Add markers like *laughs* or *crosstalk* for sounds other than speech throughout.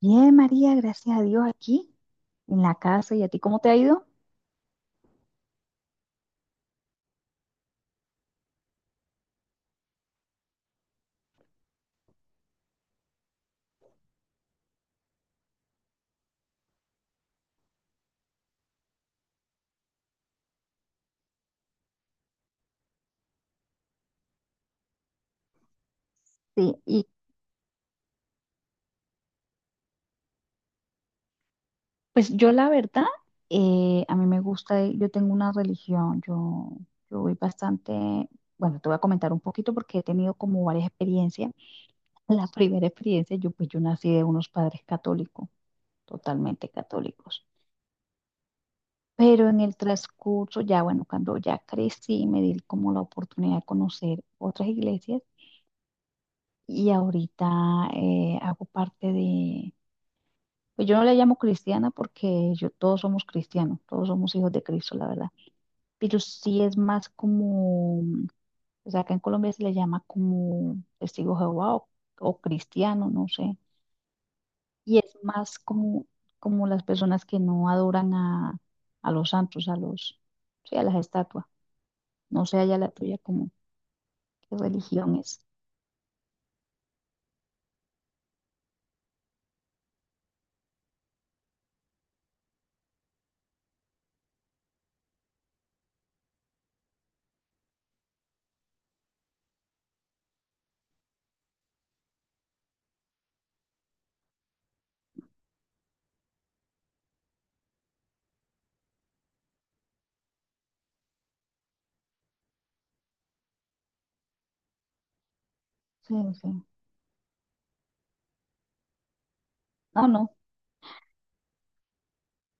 Bien, María, gracias a Dios aquí en la casa. ¿Y a ti cómo te ha ido? Sí, y pues yo la verdad, a mí me gusta, yo tengo una religión, yo voy bastante, bueno, te voy a comentar un poquito porque he tenido como varias experiencias. La primera experiencia, yo pues yo nací de unos padres católicos, totalmente católicos. Pero en el transcurso, ya bueno, cuando ya crecí, me di como la oportunidad de conocer otras iglesias y ahorita hago parte de... Pues yo no le llamo cristiana porque yo, todos somos cristianos, todos somos hijos de Cristo, la verdad. Pero sí es más como, o sea, acá en Colombia se le llama como testigo de Jehová o cristiano, no sé. Y es más como las personas que no adoran a los santos, a los, sí, a las estatuas. No sé allá la tuya como qué religión es. Sí, sí. No, no.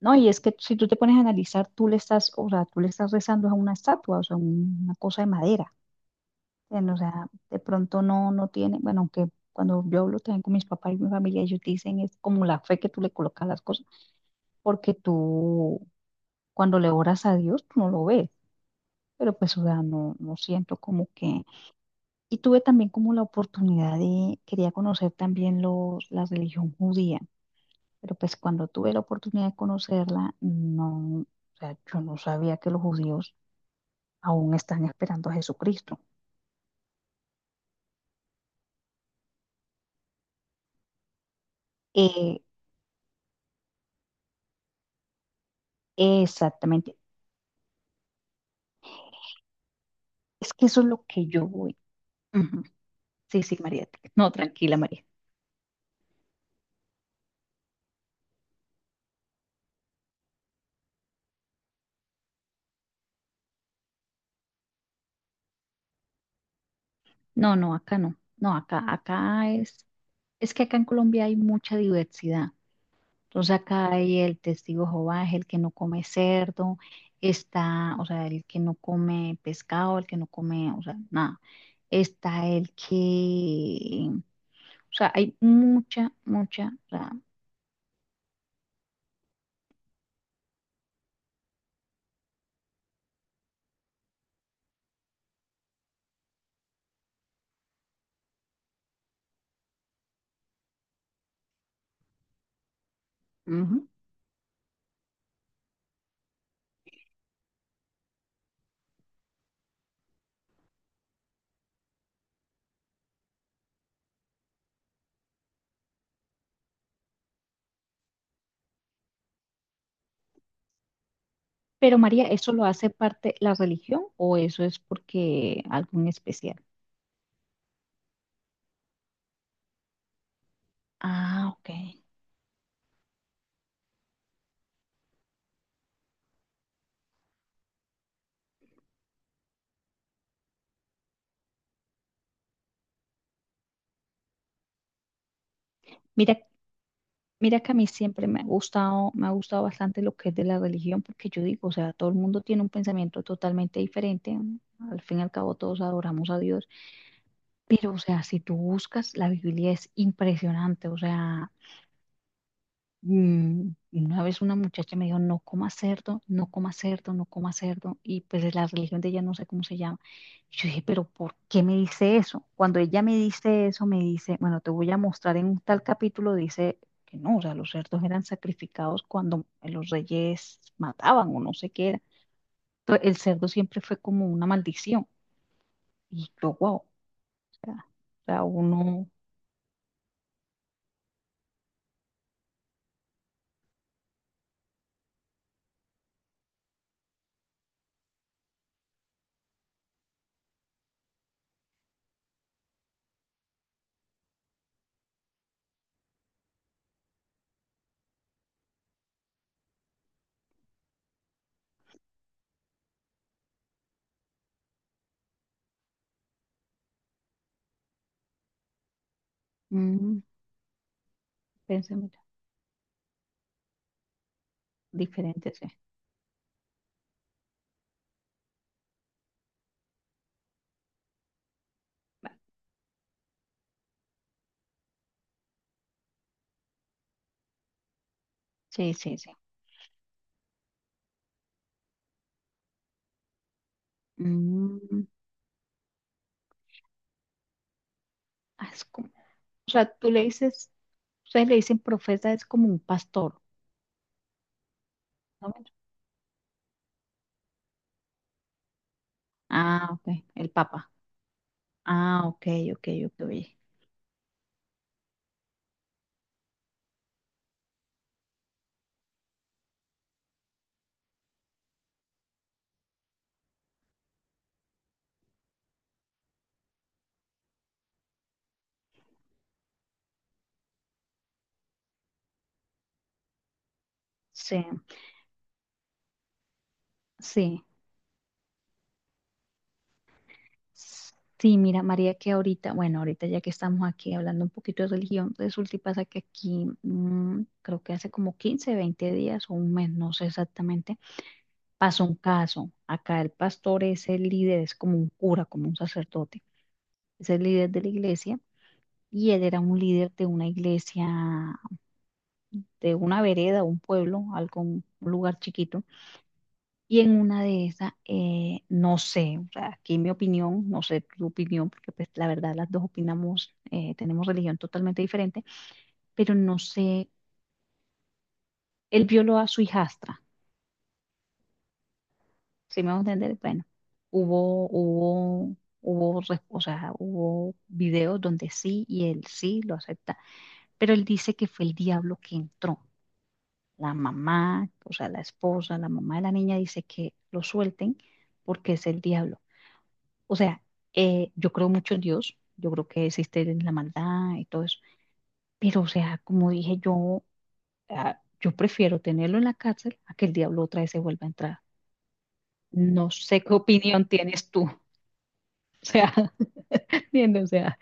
No, y es que si tú te pones a analizar, tú le estás, o sea, tú le estás rezando a una estatua, o sea, una cosa de madera. Bueno, o sea, de pronto no, no tiene, bueno, aunque cuando yo hablo también con mis papás y mi familia, ellos dicen es como la fe que tú le colocas a las cosas, porque tú cuando le oras a Dios, tú no lo ves, pero pues, o sea, no siento como que... Y tuve también como la oportunidad de, quería conocer también la religión judía, pero pues cuando tuve la oportunidad de conocerla, no, o sea, yo no sabía que los judíos aún están esperando a Jesucristo. Eh, Exactamente. Es que eso es lo que yo voy. Ujú. Sí, sí, María. No, tranquila, María. No, no, acá no. No, acá es, que acá en Colombia hay mucha diversidad. Entonces acá hay el testigo de Jehová, es el que no come cerdo, está, o sea, el que no come pescado, el que no come, o sea, nada. Está el que, o sea, hay mucha, mucha, o sea, ujú. Pero María, ¿eso lo hace parte la religión o eso es porque algún especial? Ah, ok. Mira Mira que a mí siempre me ha gustado bastante lo que es de la religión, porque yo digo, o sea, todo el mundo tiene un pensamiento totalmente diferente, ¿no? Al fin y al cabo todos adoramos a Dios, pero o sea, si tú buscas, la Biblia es impresionante, o sea... Mm, una vez una muchacha me dijo: no coma cerdo, no coma cerdo, no coma cerdo. Y pues es la religión de ella, no sé cómo se llama. Y yo dije: pero ¿por qué me dice eso? Cuando ella me dice eso, me dice, bueno, te voy a mostrar en un tal capítulo, dice que no, o sea, los cerdos eran sacrificados cuando los reyes mataban o no sé qué era. Entonces, el cerdo siempre fue como una maldición. Y yo, wow, o sea, uno, mm, pensé, mira, diferente, sí. Vale. Sí, sí, sí. Mm, ah, es como, o sea, tú le dices, ustedes le dicen profeta, es como un pastor, ¿no? Ah, ok, el papa. Ah, ok, ok, ok. Oye. Sí, sí. Sí, mira, María, que ahorita, bueno, ahorita ya que estamos aquí hablando un poquito de religión, resulta y pasa que aquí, creo que hace como 15-20 días o un mes, no sé exactamente, pasó un caso. Acá el pastor es el líder, es como un cura, como un sacerdote, es el líder de la iglesia, y él era un líder de una iglesia de una vereda, un pueblo, algo, un lugar chiquito. Y en una de esas, no sé, o sea, aquí mi opinión, no sé tu opinión, porque pues la verdad las dos opinamos, tenemos religión totalmente diferente, pero no sé, él violó a su hijastra, ¿sí me va a entender? Bueno, hubo, hubo, o sea, hubo videos donde sí, y él sí lo acepta, pero él dice que fue el diablo que entró. La mamá, o sea, la esposa, la mamá de la niña dice que lo suelten porque es el diablo. O sea, yo creo mucho en Dios, yo creo que existe la maldad y todo eso, pero o sea, como dije yo, yo prefiero tenerlo en la cárcel a que el diablo otra vez se vuelva a entrar. No sé qué opinión tienes tú, *laughs* o sea, *laughs* ¿entiendes? O sea,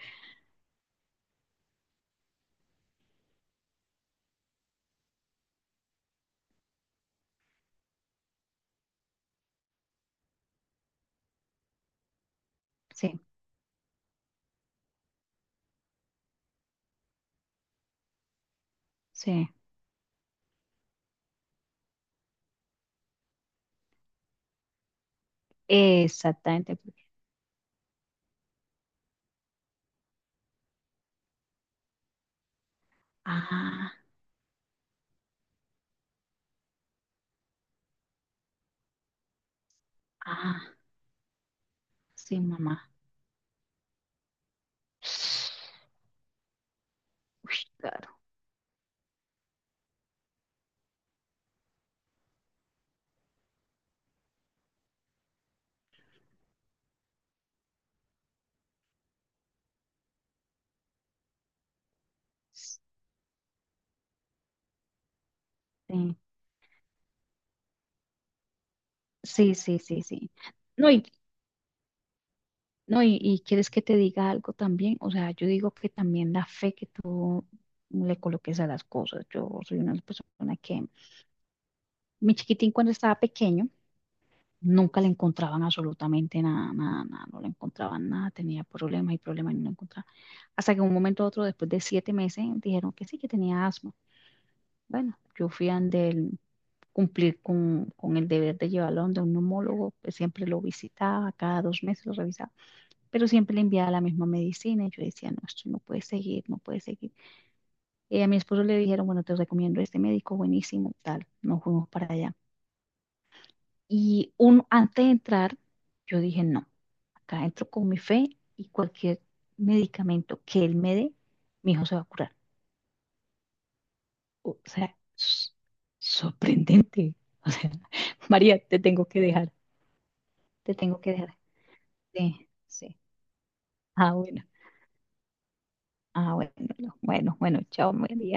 sí, sí, exactamente. Ah, ah, sí, mamá. *sighs* Uy, claro. Sí, sí, sí, sí, sí. No, y, no, y quieres que te diga algo también. O sea, yo digo que también la fe que tú le coloques a las cosas. Yo soy una persona que, mi chiquitín cuando estaba pequeño, nunca le encontraban absolutamente nada, nada, nada, no le encontraban nada, tenía problemas y problemas y no lo encontraban. Hasta que un momento u otro, después de 7 meses, dijeron que sí, que tenía asma. Bueno, yo fui a donde él cumplir con el deber de llevarlo donde un neumólogo, pues siempre lo visitaba, cada 2 meses lo revisaba, pero siempre le enviaba la misma medicina. Y yo decía: no, esto no puede seguir, no puede seguir. A mi esposo le dijeron: bueno, te recomiendo este médico, buenísimo, tal. Nos fuimos para allá. Antes de entrar, yo dije: no, acá entro con mi fe, y cualquier medicamento que él me dé, mi hijo se va a curar. O sea, sorprendente. O sea, *laughs* María, te tengo que dejar, te tengo que dejar. Sí, sí. Ah, bueno, ah, bueno, bueno, bueno, chao, María.